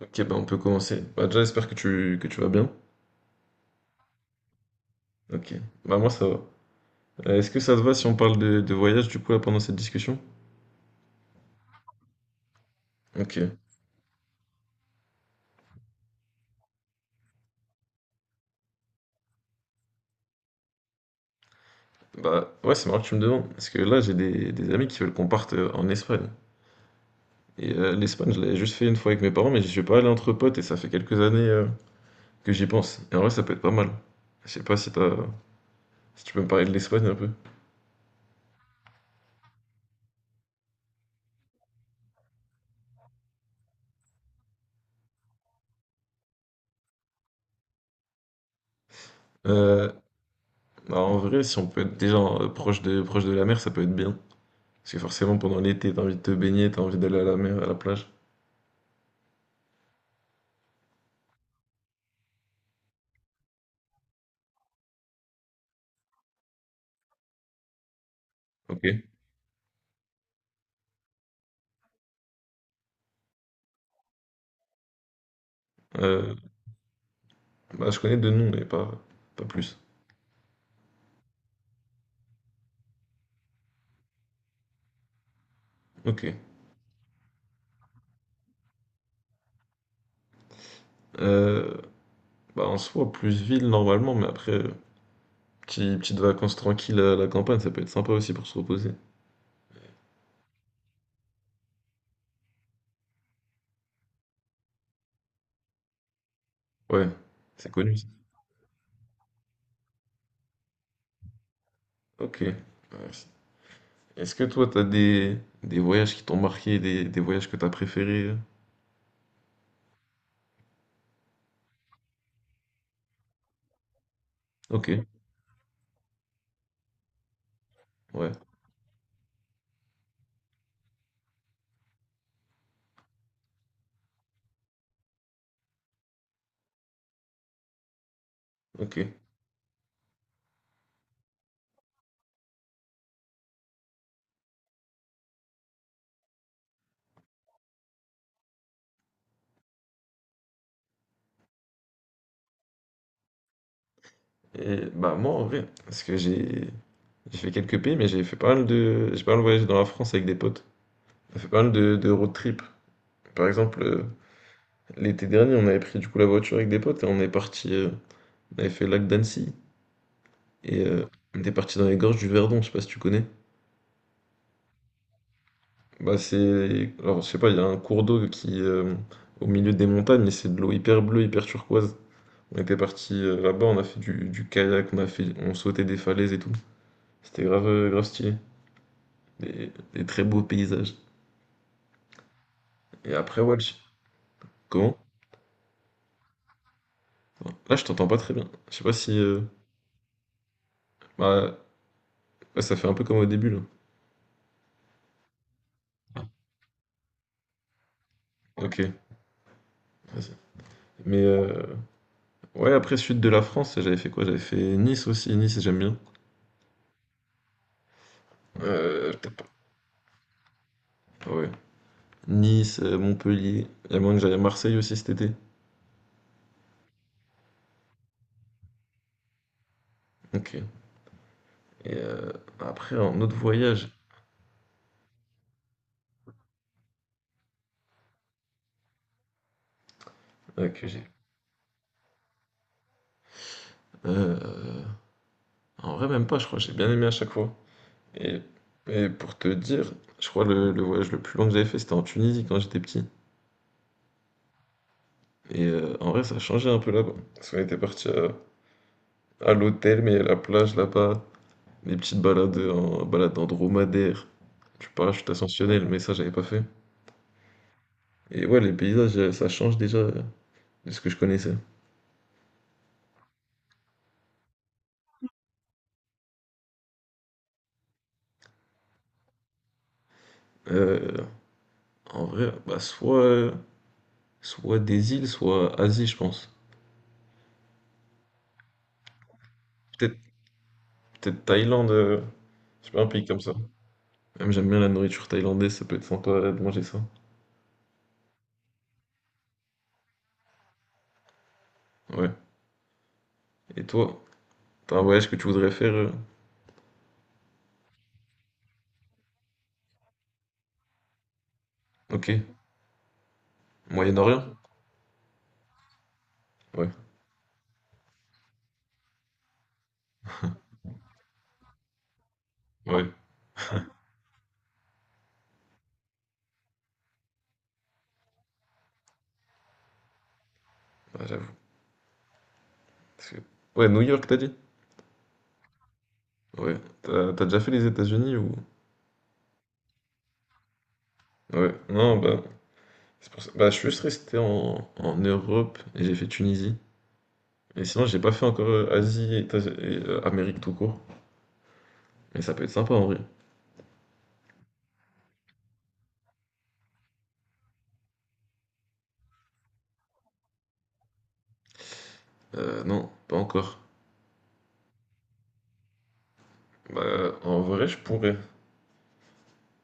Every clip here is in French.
Ok, bah on peut commencer. Bah déjà, j'espère que tu vas bien. Ok, bah moi ça va. Est-ce que ça te va si on parle de voyage du coup là pendant cette discussion? Ok, bah ouais, c'est marrant que tu me demandes. Parce que là, j'ai des amis qui veulent qu'on parte en Espagne. Et l'Espagne, je l'avais juste fait une fois avec mes parents, mais j'y suis pas allé entre potes et ça fait quelques années que j'y pense. Et en vrai, ça peut être pas mal. Je sais pas si tu peux me parler de l'Espagne un peu. Euh, bah, en vrai, si on peut être déjà proche de la mer, ça peut être bien. Parce que forcément, pendant l'été, t'as envie de te baigner, t'as envie d'aller à la mer, à la plage. Ok. Euh, bah, je connais deux noms, pas plus. Ok. Euh, bah, en soi, plus ville normalement, mais après, petite vacances tranquille à la campagne, ça peut être sympa aussi pour se reposer. Ouais, c'est connu, ça. Ok. Ouais, c'est- Est-ce que toi, t'as des voyages qui t'ont marqué, des voyages que t'as préférés? Ok. Ouais, ok. Et bah, moi, en vrai, parce que j'ai fait quelques pays, mais j'ai fait pas mal de, j'ai pas mal voyagé dans la France avec des potes. J'ai fait pas mal de road trip. Par exemple, l'été dernier, on avait pris du coup la voiture avec des potes et on est parti. On avait fait le lac d'Annecy et on était parti dans les gorges du Verdon, je sais pas si tu connais. Bah c'est. Alors je sais pas, il y a un cours d'eau qui au milieu des montagnes et c'est de l'eau hyper bleue, hyper turquoise. On était parti là-bas, on a fait du kayak, on sautait des falaises et tout. C'était grave stylé. des très beaux paysages. Et après, ouais, comment? Là, je t'entends pas très bien. Je sais pas si. Bah, ouais, ça fait un peu comme au début là. Ok, vas-y. Mais ouais, après sud de la France, j'avais fait quoi? J'avais fait Nice aussi. Nice, j'aime bien. Peut-être pas. Ouais. Nice, Montpellier. Il y a moyen que j'aille à Marseille aussi cet été. Ok. Et euh, après, un autre voyage que j'ai. Euh, en vrai, même pas, je crois. J'ai bien aimé à chaque fois. Et, et pour te dire, je crois le voyage le plus long que j'avais fait, c'était en Tunisie quand j'étais petit. Et en vrai, ça a changé un peu là-bas. Parce qu'on était parti à l'hôtel, mais il y a la plage là-bas. Des petites balades en balade en dromadaire, du parachute ascensionnel, mais ça j'avais pas fait. Et ouais, les paysages, ça change déjà de ce que je connaissais. Euh, en vrai, bah soit des îles, soit Asie, je pense. Peut-être peut-être Thaïlande, je sais pas, un pays comme ça. Même j'aime bien la nourriture thaïlandaise, ça peut être sympa de manger ça. Ouais. Et toi, t'as un voyage que tu voudrais faire Ok. Moyen-Orient? Ouais, ouais, bah, j'avoue. Parce que- Ouais, New York, t'as dit? Ouais. T'as déjà fait les États-Unis ou... Ouais, non, bah, bah, je suis juste resté en Europe et j'ai fait Tunisie. Et sinon, j'ai pas fait encore Asie et Amérique tout court. Mais ça peut être sympa en vrai. Non, pas encore. Bah, en vrai, je pourrais.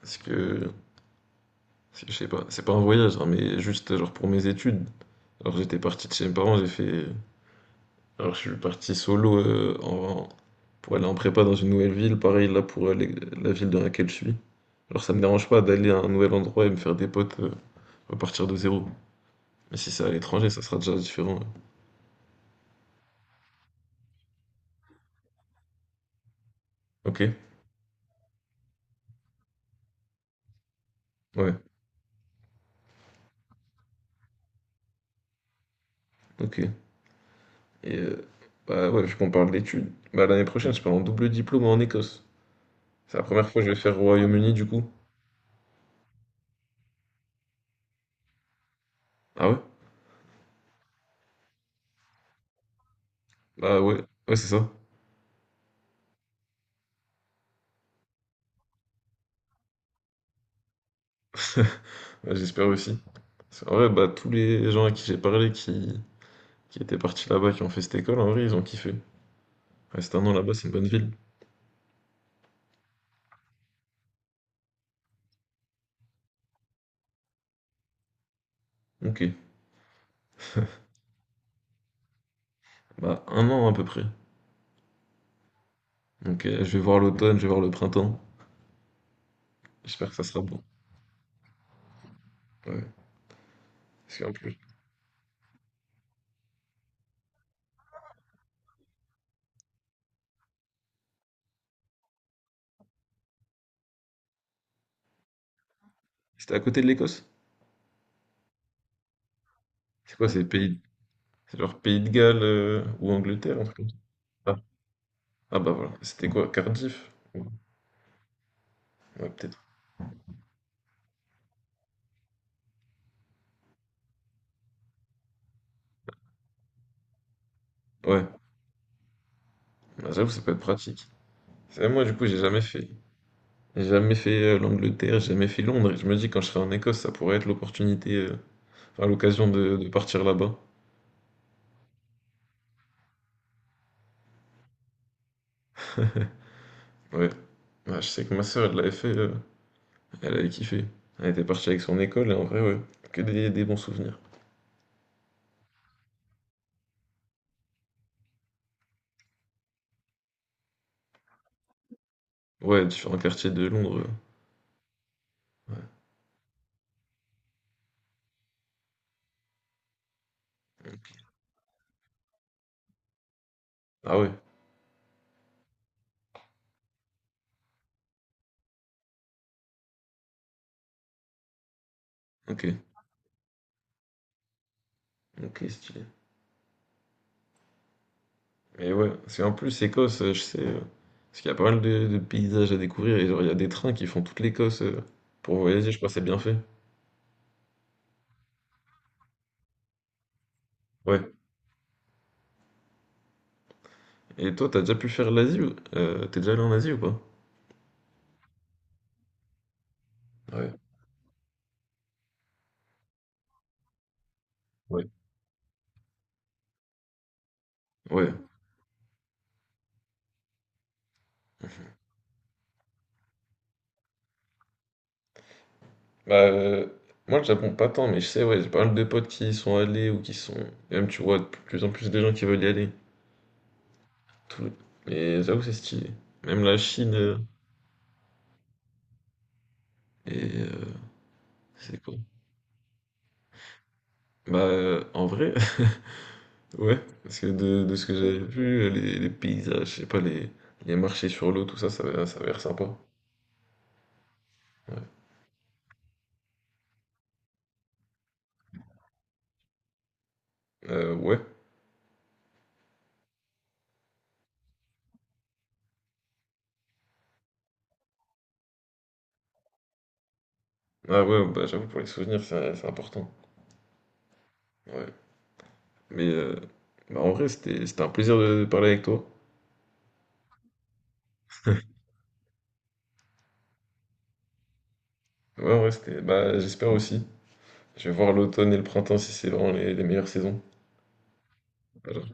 Parce que, parce que je sais pas, c'est pas un voyage, hein, mais juste genre pour mes études. Alors, j'étais parti de chez mes parents, j'ai fait. Alors, je suis parti solo pour aller en prépa dans une nouvelle ville. Pareil, là, la ville dans laquelle je suis. Alors, ça me dérange pas d'aller à un nouvel endroit et me faire des potes. On va partir de zéro. Mais si c'est à l'étranger, ça sera déjà différent. Ouais. Ok, ouais, ok. Et bah ouais, vu qu'on parle d'études, bah l'année prochaine, je pars en double diplôme en Écosse. C'est la première fois que je vais faire au Royaume-Uni du coup. Ah ouais? Bah ouais, ouais, c'est ça. Ouais, j'espère aussi. Parce qu'en vrai, bah tous les gens à qui j'ai parlé qui étaient partis là-bas, qui ont fait cette école, en vrai, ils ont kiffé. Rester un an là-bas, c'est une bonne ville. Ok, bah un an à peu près. Donc je vais voir l'automne, je vais voir le printemps. J'espère que ça sera bon. Ouais, parce qu'en plus, c'était à côté de l'Écosse? C'est quoi, c'est pays... C'est genre Pays de Galles ou Angleterre, un truc comme ça. Ah, ah, bah voilà, c'était quoi, Cardiff? Ouais, ouais, peut-être. Ouais, bah, j'avoue, ça peut être pratique. C'est vrai, moi, du coup, j'ai jamais fait. J'ai jamais fait l'Angleterre, j'ai jamais fait Londres. Et je me dis, quand je serai en Écosse, ça pourrait être l'opportunité, enfin, l'occasion de partir là-bas. Ouais. Bah, je sais que ma sœur, elle l'avait fait, elle avait kiffé. Elle était partie avec son école, et en vrai, ouais, que des bons souvenirs. Ouais, différents quartiers de Londres. Ouais. Ah ouais, ok. Ok, stylé. Et ouais, parce qu'en plus, Écosse, je sais, parce qu'il y a pas mal de paysages à découvrir, et genre, il y a des trains qui font toute l'Écosse pour voyager, je crois, que c'est bien fait. Ouais. Et toi, t'as déjà pu faire l'Asie ou... t'es déjà allé en Asie ou pas? Ouais, ouais, ouais. Bah, moi, le Japon, pas tant, mais je sais, ouais, j'ai pas mal de potes qui y sont allés ou qui sont. Et même, tu vois, de plus en plus de gens qui veulent y aller. Tout... Et j'avoue, c'est stylé. Même la Chine. Et c'est quoi? Bah, en vrai. Ouais, parce que de ce que j'avais vu, les paysages, je sais pas, les marchés sur l'eau, tout ça, ça avait l'air sympa. Ouais. Ouais. Ah ouais, bah j'avoue, pour les souvenirs, c'est important. Ouais. Mais bah, en vrai, c'était un plaisir de parler avec toi. Ouais, en vrai, c'était. Bah, j'espère aussi. Je vais voir l'automne et le printemps si c'est vraiment les meilleures saisons. Voilà.